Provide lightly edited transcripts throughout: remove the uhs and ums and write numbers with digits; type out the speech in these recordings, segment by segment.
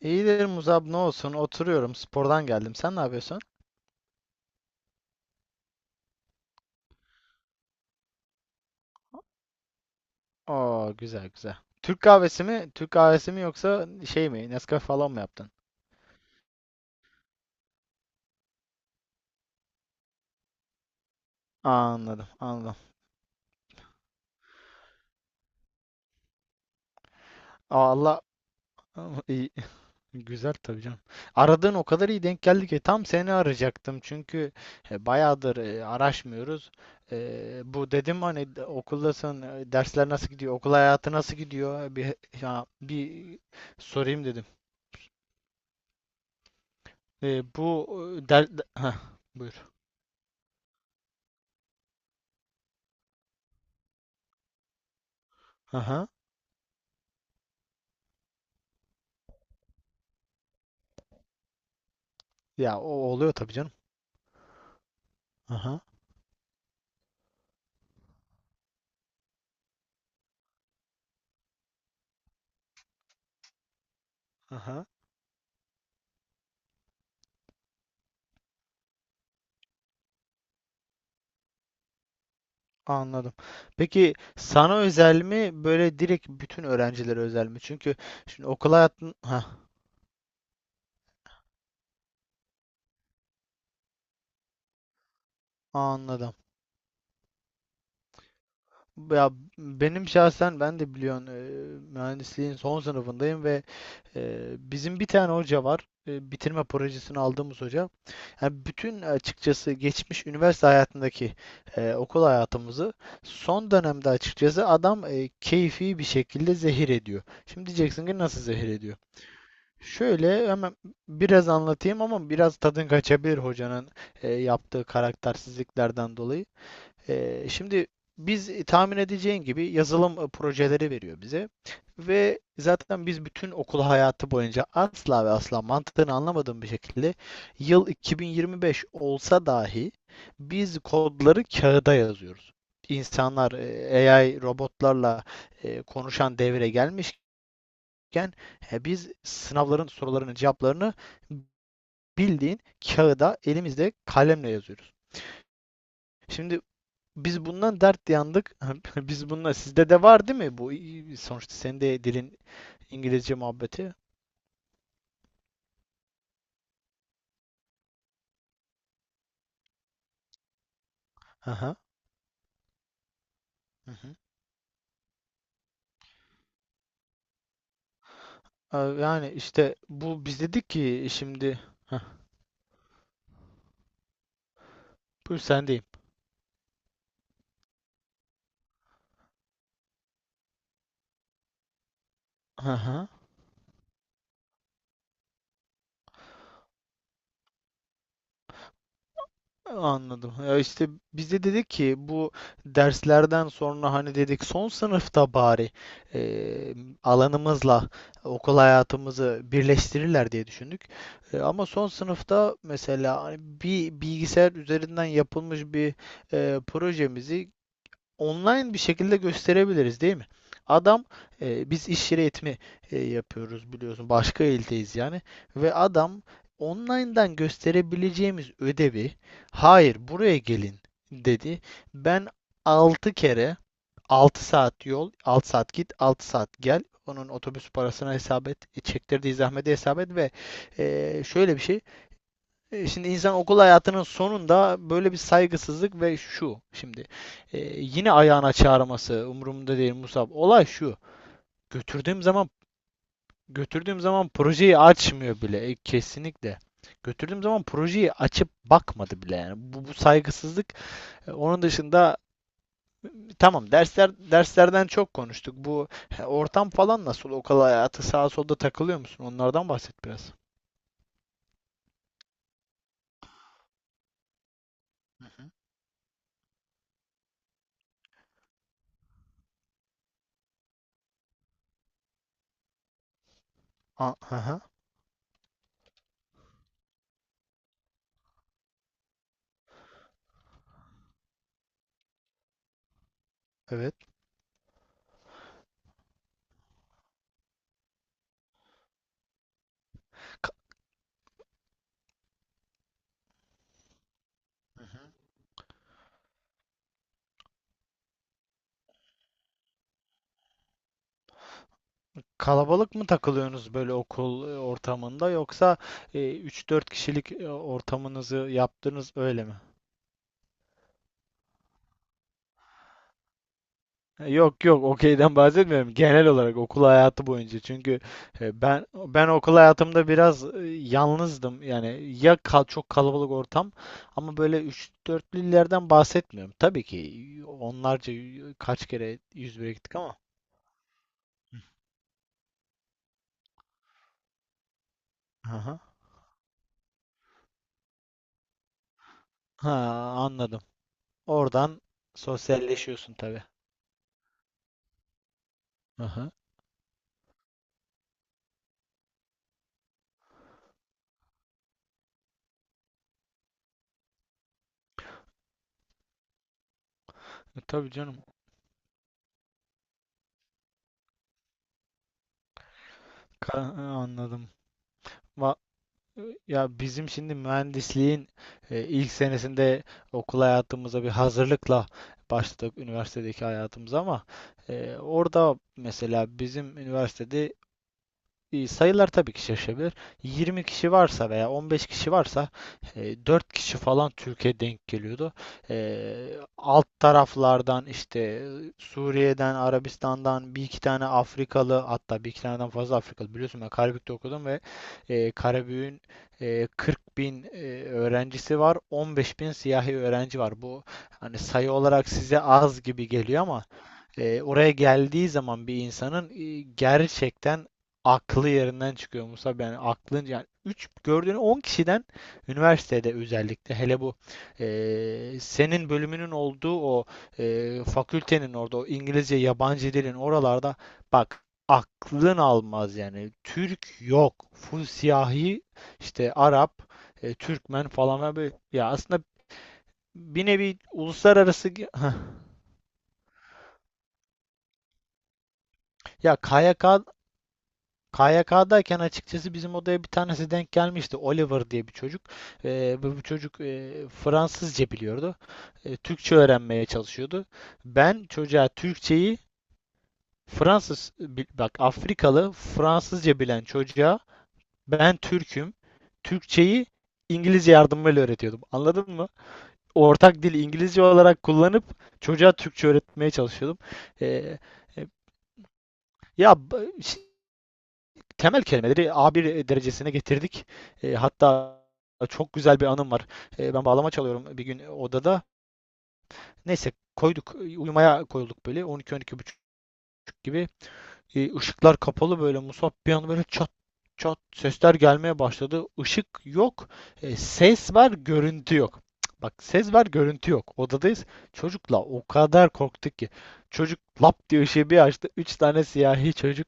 İyidir Muzab, ne olsun, oturuyorum, spordan geldim, sen ne yapıyorsun? Oo, güzel güzel. Türk kahvesi mi? Türk kahvesi mi yoksa şey mi? Nescafe falan mı yaptın? Aa, anladım anladım. Aa, Allah! iyi. Güzel tabii canım. Aradığın o kadar iyi denk geldi ki tam seni arayacaktım, çünkü bayağıdır araşmıyoruz. Bu dedim hani, okuldasın, dersler nasıl gidiyor, okul hayatı nasıl gidiyor. Bir sorayım dedim. E, bu e, der, de- Heh, Buyur. Aha. Ya, o oluyor tabii canım. Aha, aha. Anladım. Peki sana özel mi böyle, direkt bütün öğrencilere özel mi? Çünkü şimdi okul hayatın, ha, anladım. Ya, benim şahsen, ben de biliyorsun, mühendisliğin son sınıfındayım ve bizim bir tane hoca var. Bitirme projesini aldığımız hoca. Yani bütün, açıkçası, geçmiş üniversite hayatındaki okul hayatımızı son dönemde açıkçası adam keyfi bir şekilde zehir ediyor. Şimdi diyeceksin ki nasıl zehir ediyor? Şöyle hemen biraz anlatayım, ama biraz tadın kaçabilir hocanın yaptığı karaktersizliklerden dolayı. Şimdi biz, tahmin edeceğin gibi, yazılım projeleri veriyor bize ve zaten biz bütün okul hayatı boyunca, asla ve asla mantığını anlamadığım bir şekilde, yıl 2025 olsa dahi biz kodları kağıda yazıyoruz. İnsanlar AI robotlarla konuşan devre gelmişken biz sınavların sorularının cevaplarını bildiğin kağıda elimizde kalemle yazıyoruz. Şimdi biz bundan dert yandık. Biz bununla, sizde de var değil mi bu? Sonuçta senin de dilin İngilizce muhabbeti. Aha. Hı hı. Yani işte, bu biz dedik ki şimdi... Heh, buyur, sendeyim. Aha. Anladım. Ya, işte biz de dedik ki, bu derslerden sonra hani dedik son sınıfta bari e, alanımızla okul hayatımızı birleştirirler diye düşündük. Ama son sınıfta mesela, hani bir bilgisayar üzerinden yapılmış bir projemizi online bir şekilde gösterebiliriz değil mi? Adam... Biz iş yeri eğitimi yapıyoruz biliyorsun. Başka ildeyiz yani. Ve adam online'dan gösterebileceğimiz ödevi, hayır buraya gelin dedi. Ben 6 kere 6 saat yol, 6 saat git, 6 saat gel. Onun otobüs parasına hesap et, çektirdiği zahmete hesap et ve şöyle bir şey, şimdi insan okul hayatının sonunda böyle bir saygısızlık ve şu şimdi yine ayağına çağırması umurumda değil Musab. Olay şu. Götürdüğüm zaman götürdüğüm zaman projeyi açmıyor bile, kesinlikle. Götürdüğüm zaman projeyi açıp bakmadı bile yani. Bu saygısızlık. Onun dışında, tamam, dersler, derslerden çok konuştuk. Bu ortam falan nasıl? Okul hayatı, sağa solda takılıyor musun? Onlardan bahset biraz. Hı hı. Aha, evet. Kalabalık mı takılıyorsunuz böyle okul ortamında, yoksa 3-4 kişilik ortamınızı yaptınız öyle mi? Yok yok, okeyden bahsetmiyorum. Genel olarak okul hayatı boyunca. Çünkü ben okul hayatımda biraz yalnızdım. Yani ya, çok kalabalık ortam, ama böyle 3-4'lülerden bahsetmiyorum. Tabii ki onlarca kaç kere 101'e gittik ama. Aha. Ha, anladım. Oradan sosyalleşiyorsun tabii. Aha. Tabii canım. Anladım. Va- Ya, bizim şimdi mühendisliğin ilk senesinde okul hayatımıza bir hazırlıkla başladık üniversitedeki hayatımıza, ama orada mesela bizim üniversitede sayılar tabii ki şaşabilir. 20 kişi varsa veya 15 kişi varsa, 4 kişi falan Türkiye denk geliyordu. E, Alt taraflardan işte, Suriye'den, Arabistan'dan bir iki tane Afrikalı, hatta bir iki taneden fazla Afrikalı. Biliyorsun, ben Karabük'te okudum ve Karabük'ün 40 bin öğrencisi var, 15 bin siyahi öğrenci var. Bu hani sayı olarak size az gibi geliyor ama oraya geldiği zaman bir insanın gerçekten aklı yerinden çıkıyor Musab. Yani aklın, yani 3 gördüğünü 10 kişiden, üniversitede özellikle hele bu senin bölümünün olduğu o fakültenin orada, o İngilizce yabancı dilin oralarda, bak aklın almaz yani. Türk yok. Full siyahi işte, Arap, Türkmen falan böyle. Ya, aslında bir nevi uluslararası. Ya, KYK'dayken açıkçası bizim odaya bir tanesi denk gelmişti. Oliver diye bir çocuk. Bu çocuk Fransızca biliyordu. Türkçe öğrenmeye çalışıyordu. Ben çocuğa Türkçeyi, bak, Afrikalı Fransızca bilen çocuğa ben Türk'üm. Türkçeyi İngilizce yardımıyla öğretiyordum. Anladın mı? Ortak dil İngilizce olarak kullanıp çocuğa Türkçe öğretmeye çalışıyordum. Ee, e, ya b- Temel kelimeleri a bir derecesine getirdik. Hatta çok güzel bir anım var. Ben bağlama çalıyorum bir gün odada. Neyse, koyduk, uyumaya koyulduk böyle 12-12 buçuk gibi. Işıklar kapalı böyle Musab, bir an böyle çat çat sesler gelmeye başladı. Işık yok, ses var, görüntü yok. Bak ses var, görüntü yok. Odadayız. Çocukla o kadar korktuk ki. Çocuk lap diye ışığı bir açtı. Üç tane siyahi çocuk,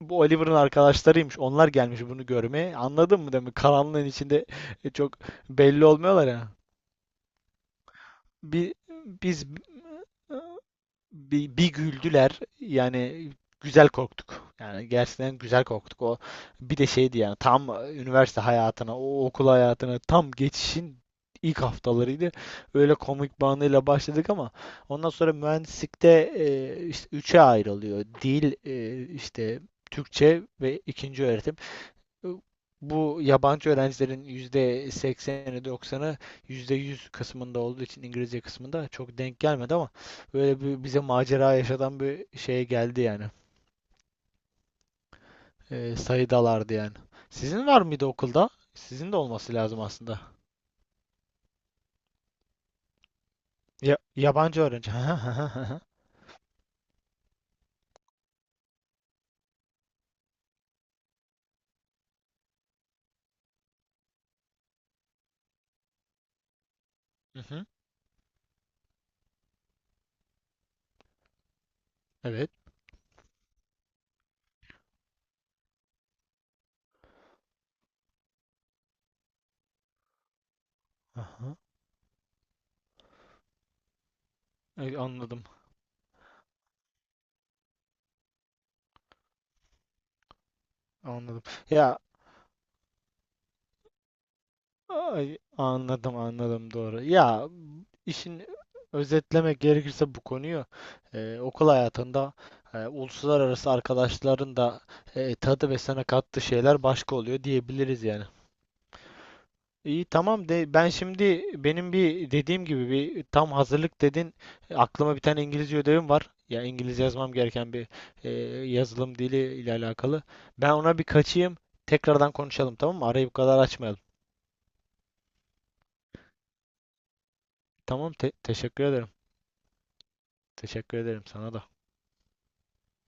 bu Oliver'ın arkadaşlarıymış. Onlar gelmiş bunu görmeye. Anladın mı demek? Karanlığın içinde çok belli olmuyorlar ya. Bir, biz bir, bir Güldüler. Yani güzel korktuk. Yani gerçekten güzel korktuk. O bir de şeydi yani, tam üniversite hayatına, o okul hayatına tam geçişin ilk haftalarıydı. Öyle komik bir başladık, ama ondan sonra mühendislikte işte üçe ayrılıyor. Dil, işte Türkçe ve ikinci öğretim. Bu yabancı öğrencilerin %80'i, doksanı, %100 kısmında olduğu için İngilizce kısmında çok denk gelmedi, ama böyle bir bize macera yaşatan bir şeye geldi yani. Sayıdalardı yani. Sizin var mıydı okulda? Sizin de olması lazım aslında. Ya, yabancı öğrenci. Hı hı. Evet. Aha. Anladım. Anladım. Ya, Ay, anladım anladım, doğru. Ya, işin özetlemek gerekirse bu konuyu, okul hayatında uluslararası arkadaşların da tadı ve sana kattığı şeyler başka oluyor diyebiliriz yani. İyi tamam de, ben şimdi benim bir dediğim gibi bir tam hazırlık dedin, aklıma bir tane İngilizce ödevim var. Ya, İngilizce yazmam gereken bir e, yazılım dili ile alakalı. Ben ona bir kaçayım. Tekrardan konuşalım tamam mı? Arayı bu kadar açmayalım. Tamam, teşekkür ederim. Teşekkür ederim sana da.